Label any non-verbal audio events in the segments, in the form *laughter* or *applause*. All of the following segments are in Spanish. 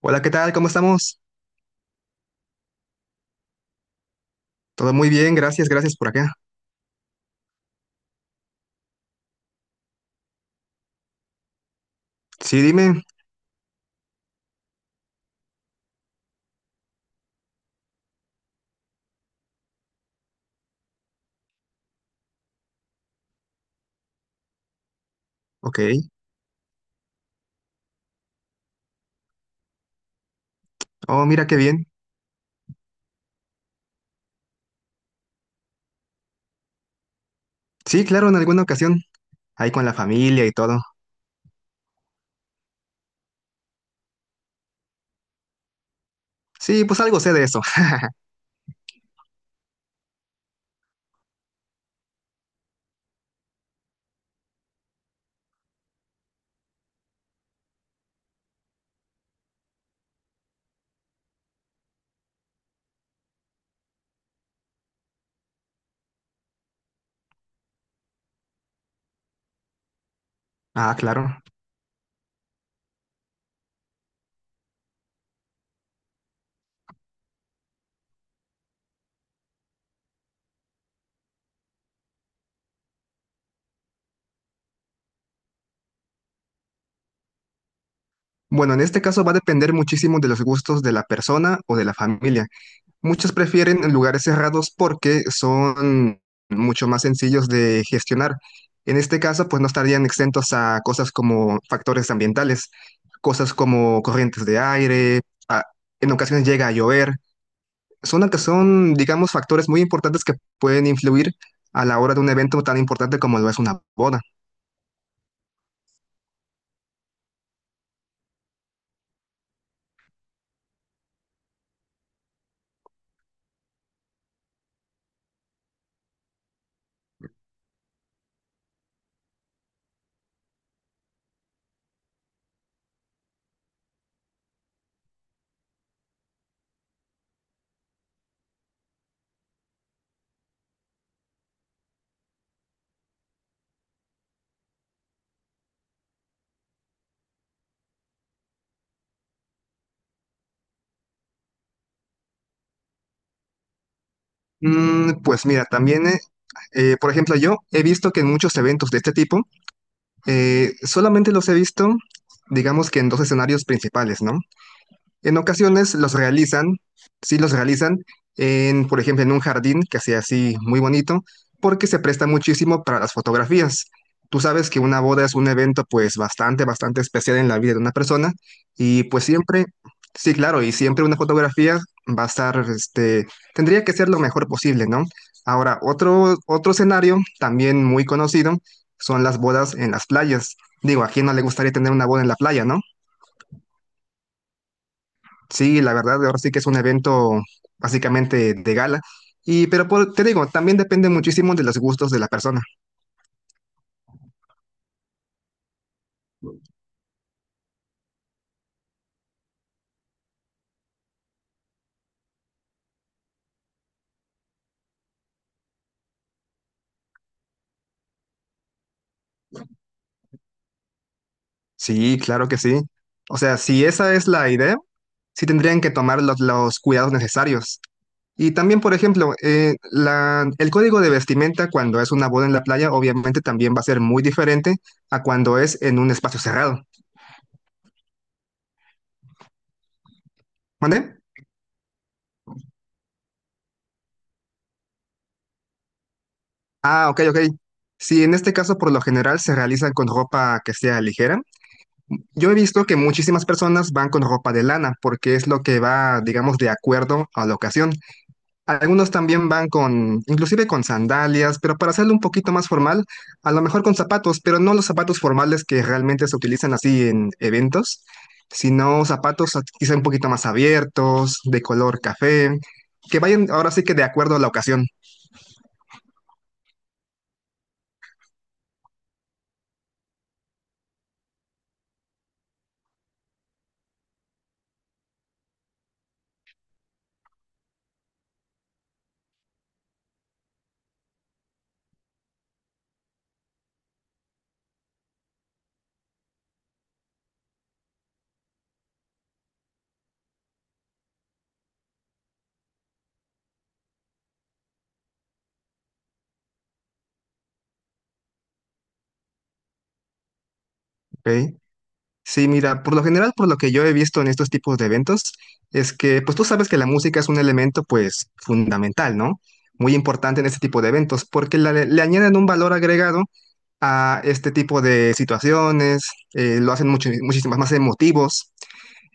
Hola, ¿qué tal? ¿Cómo estamos? Todo muy bien, gracias, gracias por acá. Sí, dime. Ok. Oh, mira qué bien. Sí, claro, en alguna ocasión. Ahí con la familia y todo. Sí, pues algo sé de eso. *laughs* Ah, claro. Bueno, en este caso va a depender muchísimo de los gustos de la persona o de la familia. Muchos prefieren lugares cerrados porque son mucho más sencillos de gestionar. En este caso, pues no estarían exentos a cosas como factores ambientales, cosas como corrientes de aire, a- en ocasiones llega a llover. Que son, digamos, factores muy importantes que pueden influir a la hora de un evento tan importante como lo es una boda. Mm, pues mira, también, por ejemplo, yo he visto que en muchos eventos de este tipo, solamente los he visto, digamos que en dos escenarios principales, ¿no? En ocasiones los realizan, sí los realizan, en, por ejemplo, en un jardín que sea así muy bonito, porque se presta muchísimo para las fotografías. Tú sabes que una boda es un evento pues bastante, bastante especial en la vida de una persona y pues siempre, sí, claro, y siempre una fotografía va a estar, este, tendría que ser lo mejor posible, ¿no? Ahora, otro escenario también muy conocido son las bodas en las playas. Digo, ¿a quién no le gustaría tener una boda en la playa, no? Sí, la verdad, ahora sí que es un evento básicamente de gala. Y, pero te digo, también depende muchísimo de los gustos de la persona. Sí, claro que sí. O sea, si esa es la idea, sí tendrían que tomar los cuidados necesarios. Y también, por ejemplo, el código de vestimenta cuando es una boda en la playa, obviamente también va a ser muy diferente a cuando es en un espacio cerrado. ¿Vale? Ah, ok, ok. Sí, en este caso, por lo general se realizan con ropa que sea ligera. Yo he visto que muchísimas personas van con ropa de lana porque es lo que va, digamos, de acuerdo a la ocasión. Algunos también van con, inclusive con sandalias, pero para hacerlo un poquito más formal, a lo mejor con zapatos, pero no los zapatos formales que realmente se utilizan así en eventos, sino zapatos quizá un poquito más abiertos, de color café, que vayan ahora sí que de acuerdo a la ocasión. ¿Ok? Sí, mira, por lo general, por lo que yo he visto en estos tipos de eventos, es que, pues tú sabes que la música es un elemento, pues, fundamental, ¿no? Muy importante en este tipo de eventos, porque le añaden un valor agregado a este tipo de situaciones, lo hacen mucho, muchísimas más emotivos.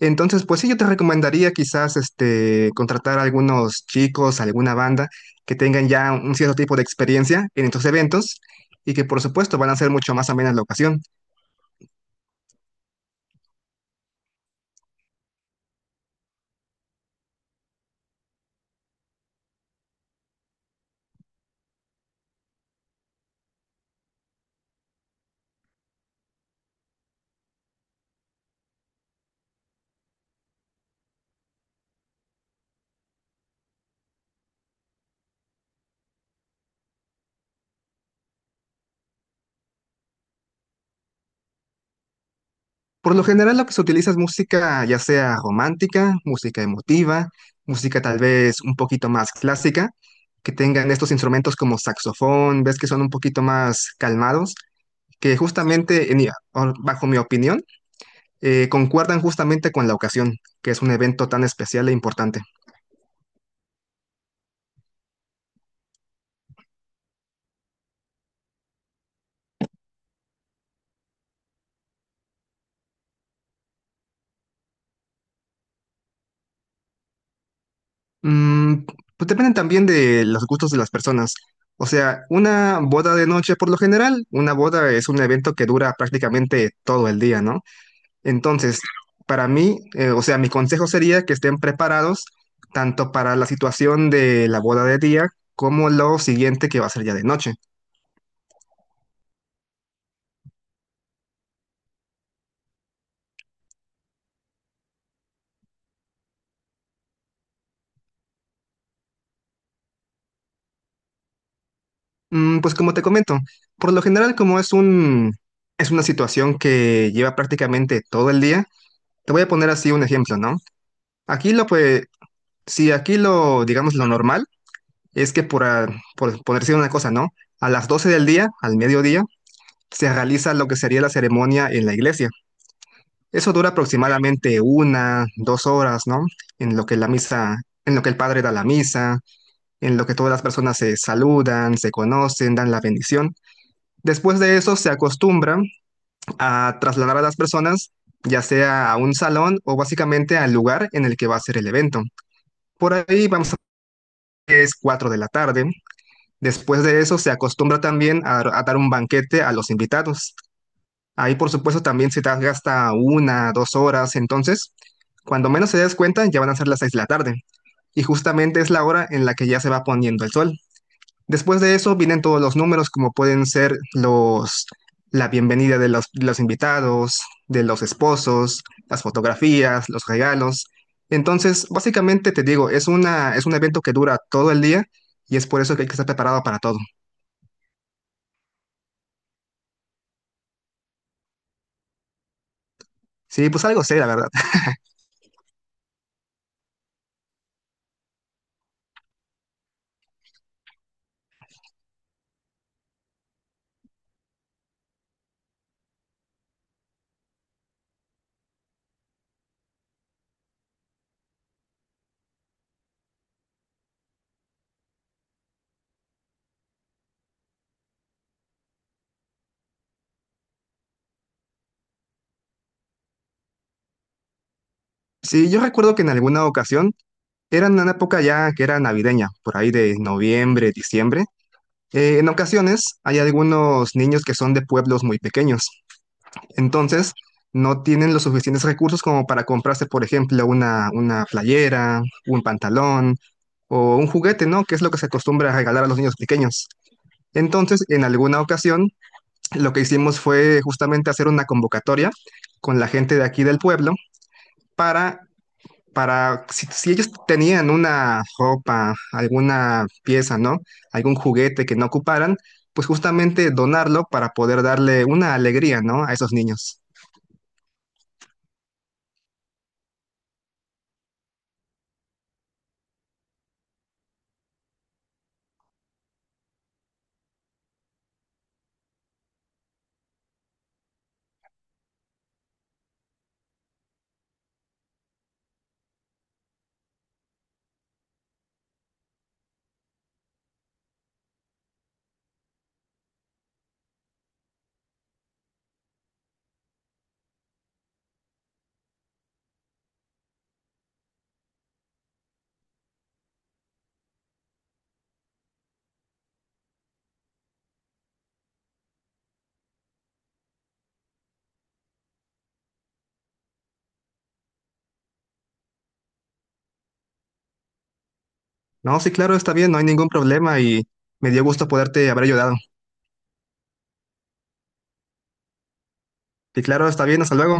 Entonces, pues sí, yo te recomendaría quizás, este, contratar a algunos chicos, alguna banda que tengan ya un cierto tipo de experiencia en estos eventos y que, por supuesto, van a ser mucho más amenas la ocasión. Por lo general lo que se utiliza es música ya sea romántica, música emotiva, música tal vez un poquito más clásica, que tengan estos instrumentos como saxofón, ves que son un poquito más calmados, que justamente, bajo mi opinión, concuerdan justamente con la ocasión, que es un evento tan especial e importante. Mm, pues dependen también de los gustos de las personas. O sea, una boda de noche por lo general, una boda es un evento que dura prácticamente todo el día, ¿no? Entonces, para mí, o sea, mi consejo sería que estén preparados tanto para la situación de la boda de día como lo siguiente que va a ser ya de noche. Mm, pues como te comento, por lo general como es una situación que lleva prácticamente todo el día, te voy a poner así un ejemplo, ¿no? Aquí lo pues, si aquí lo, digamos, lo normal es que por decir una cosa, ¿no? A las 12 del día, al mediodía, se realiza lo que sería la ceremonia en la iglesia. Eso dura aproximadamente 1, 2 horas, ¿no? En lo que la misa, en lo que el padre da la misa, en lo que todas las personas se saludan, se conocen, dan la bendición. Después de eso se acostumbra a trasladar a las personas ya sea a un salón o básicamente al lugar en el que va a ser el evento. Por ahí vamos a que es 4 de la tarde. Después de eso se acostumbra también a dar un banquete a los invitados. Ahí, por supuesto, también se te gasta 1, 2 horas. Entonces, cuando menos se des cuenta, ya van a ser las 6 de la tarde. Y justamente es la hora en la que ya se va poniendo el sol. Después de eso vienen todos los números, como pueden ser los, la bienvenida de los invitados, de los esposos, las fotografías, los regalos. Entonces, básicamente te digo, es una, es un evento que dura todo el día y es por eso que hay que estar preparado para todo. Sí, pues algo sé, la verdad. *laughs* Sí, yo recuerdo que en alguna ocasión. Era en una época ya que era navideña, por ahí de noviembre, diciembre. En ocasiones hay algunos niños que son de pueblos muy pequeños, entonces no tienen los suficientes recursos como para comprarse, por ejemplo, una playera, un pantalón o un juguete, ¿no? Que es lo que se acostumbra a regalar a los niños pequeños. Entonces, en alguna ocasión, lo que hicimos fue justamente hacer una convocatoria con la gente de aquí del pueblo para para, si ellos tenían una ropa, alguna pieza, ¿no? Algún juguete que no ocuparan, pues justamente donarlo para poder darle una alegría, ¿no? A esos niños. No, sí, claro, está bien, no hay ningún problema y me dio gusto poderte haber ayudado. Sí, claro, está bien, hasta luego.